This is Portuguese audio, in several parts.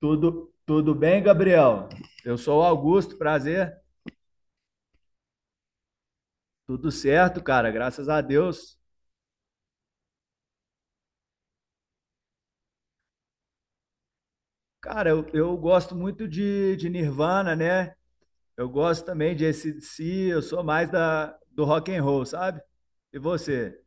Tudo bem, Gabriel? Eu sou o Augusto, prazer. Tudo certo, cara, graças a Deus. Cara, eu gosto muito de Nirvana, né? Eu gosto também de AC/DC, eu sou mais do rock and roll, sabe? E você?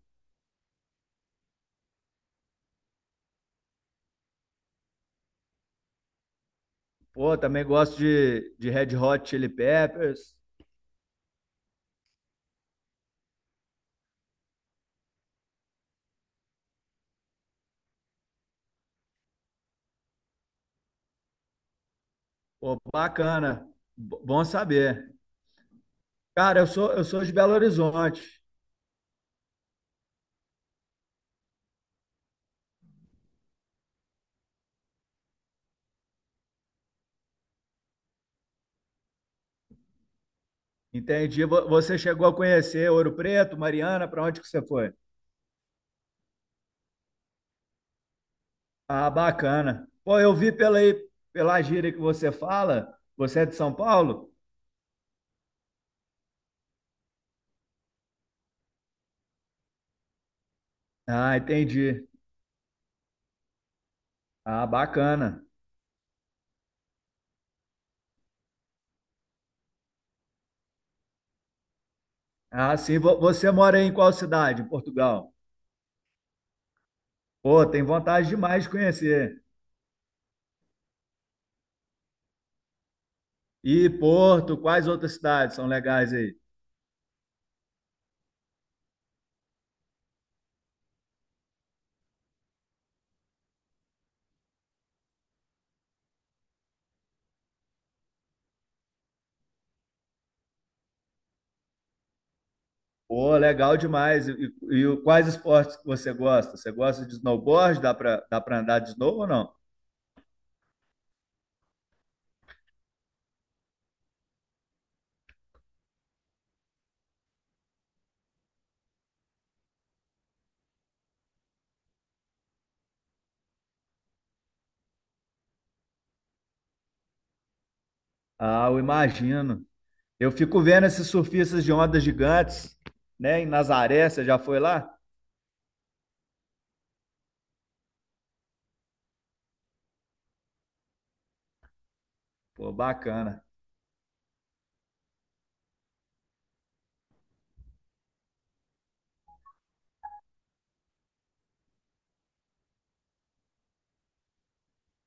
Pô, também gosto de Red Hot Chili Peppers. Pô, bacana. Bom saber. Cara, eu sou de Belo Horizonte. Entendi. Você chegou a conhecer Ouro Preto, Mariana, para onde que você foi? Ah, bacana. Pô, eu vi pela gíria que você fala, você é de São Paulo? Ah, entendi. Ah, bacana. Ah, sim, você mora em qual cidade, em Portugal? Pô, tem vontade demais de conhecer. E Porto, quais outras cidades são legais aí? Pô, legal demais. E, e quais esportes que você gosta? Você gosta de snowboard? Dá pra andar de snow ou não? Ah, eu imagino. Eu fico vendo esses surfistas de ondas gigantes, né, em Nazaré, você já foi lá? Pô, bacana.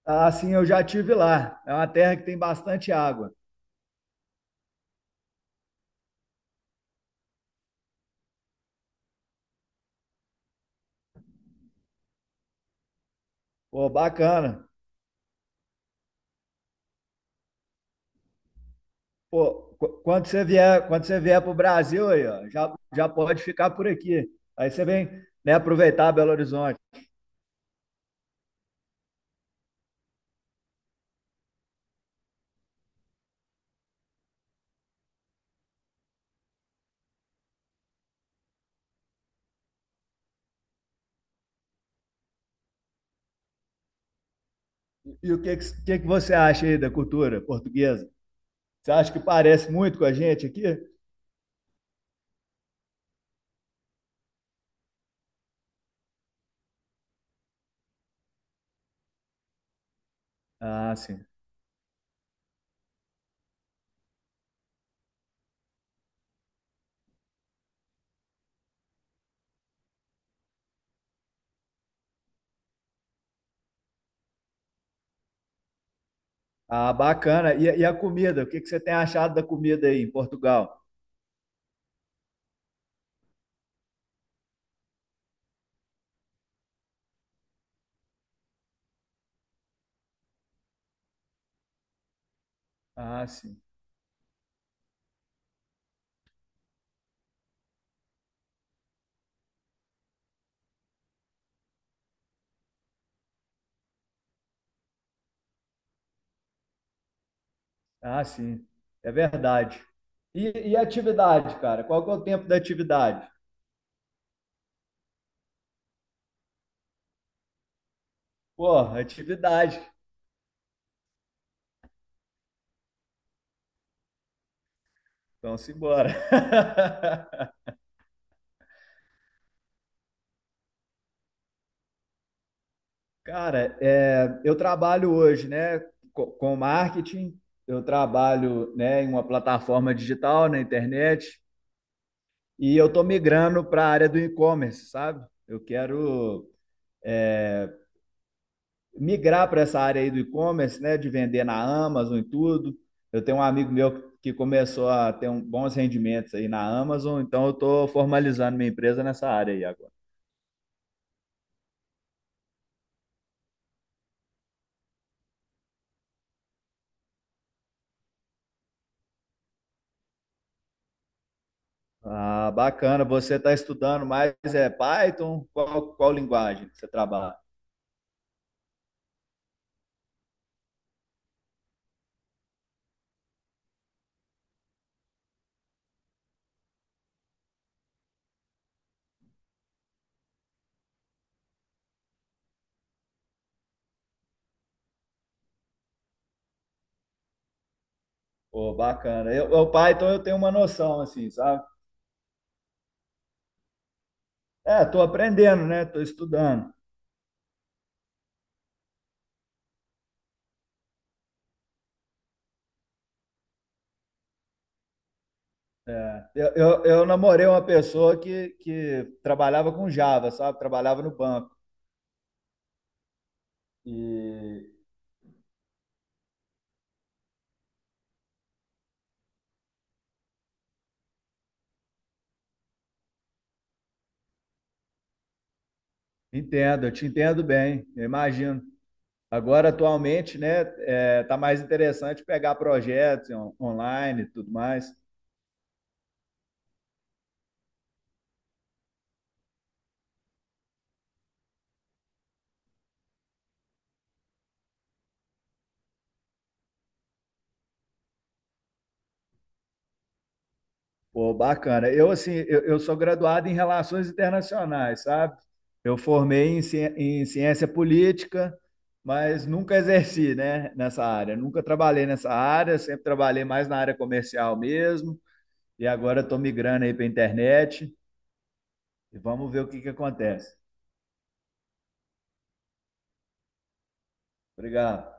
Ah, sim, eu já tive lá. É uma terra que tem bastante água. Pô, bacana. Pô, quando você vier para o Brasil aí, ó, já pode ficar por aqui. Aí você vem, né, aproveitar Belo Horizonte. E o que que você acha aí da cultura portuguesa? Você acha que parece muito com a gente aqui? Ah, sim. Ah, bacana. E a comida? O que você tem achado da comida aí em Portugal? Ah, sim. Ah, sim. É verdade. E atividade, cara? Qual que é o tempo da atividade? Porra, atividade. Então, simbora. Cara, é, eu trabalho hoje, né, com marketing. Eu trabalho, né, em uma plataforma digital na internet e eu tô migrando para a área do e-commerce, sabe? Eu quero migrar para essa área aí do e-commerce, né, de vender na Amazon e tudo. Eu tenho um amigo meu que começou a ter um, bons rendimentos aí na Amazon, então eu estou formalizando minha empresa nessa área aí agora. Ah, bacana. Você está estudando mais é Python? Qual linguagem que você trabalha? Pô, bacana. Eu, o Python eu tenho uma noção, assim, sabe? É, estou aprendendo, né? Estou estudando. É, eu namorei uma pessoa que trabalhava com Java, sabe? Trabalhava no banco. E Entendo, eu te entendo bem, eu imagino. Agora, atualmente, né, é, tá mais interessante pegar projetos online e tudo mais. Pô, bacana. Eu, assim, eu sou graduado em Relações Internacionais, sabe? Eu formei em, em Ciência Política, mas nunca exerci, né, nessa área. Nunca trabalhei nessa área, sempre trabalhei mais na área comercial mesmo. E agora estou migrando aí para a internet e vamos ver o que que acontece. Obrigado.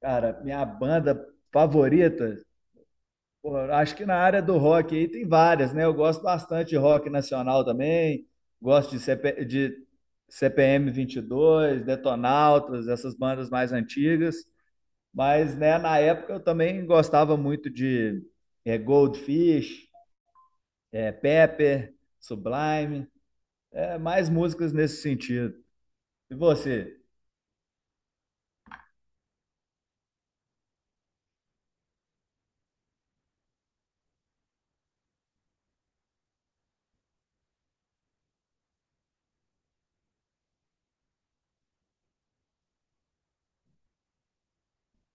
Cara, minha banda favorita, pô, acho que na área do rock aí tem várias, né? Eu gosto bastante de rock nacional também, gosto de, CPM 22, Detonautas, essas bandas mais antigas. Mas, né, na época eu também gostava muito de é, Goldfish, é, Pepper, Sublime, é, mais músicas nesse sentido. E você?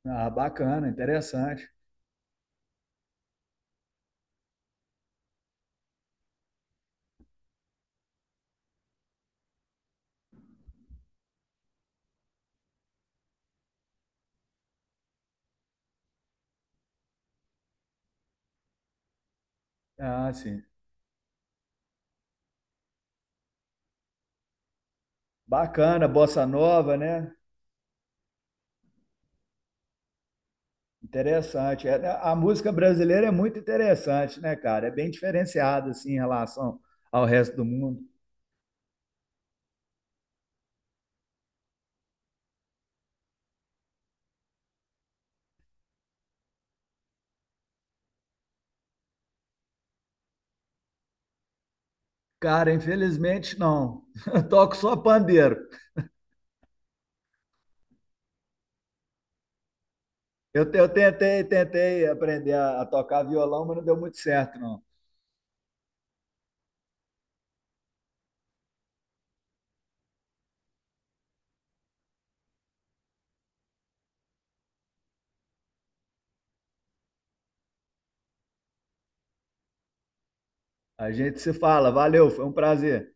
Ah, bacana, interessante. Ah, sim. Bacana, bossa nova, né? Interessante. É, a música brasileira é muito interessante, né, cara? É bem diferenciada, assim, em relação ao resto do mundo. Cara, infelizmente não. Eu toco só pandeiro. Eu tentei aprender a tocar violão, mas não deu muito certo, não. A gente se fala. Valeu, foi um prazer.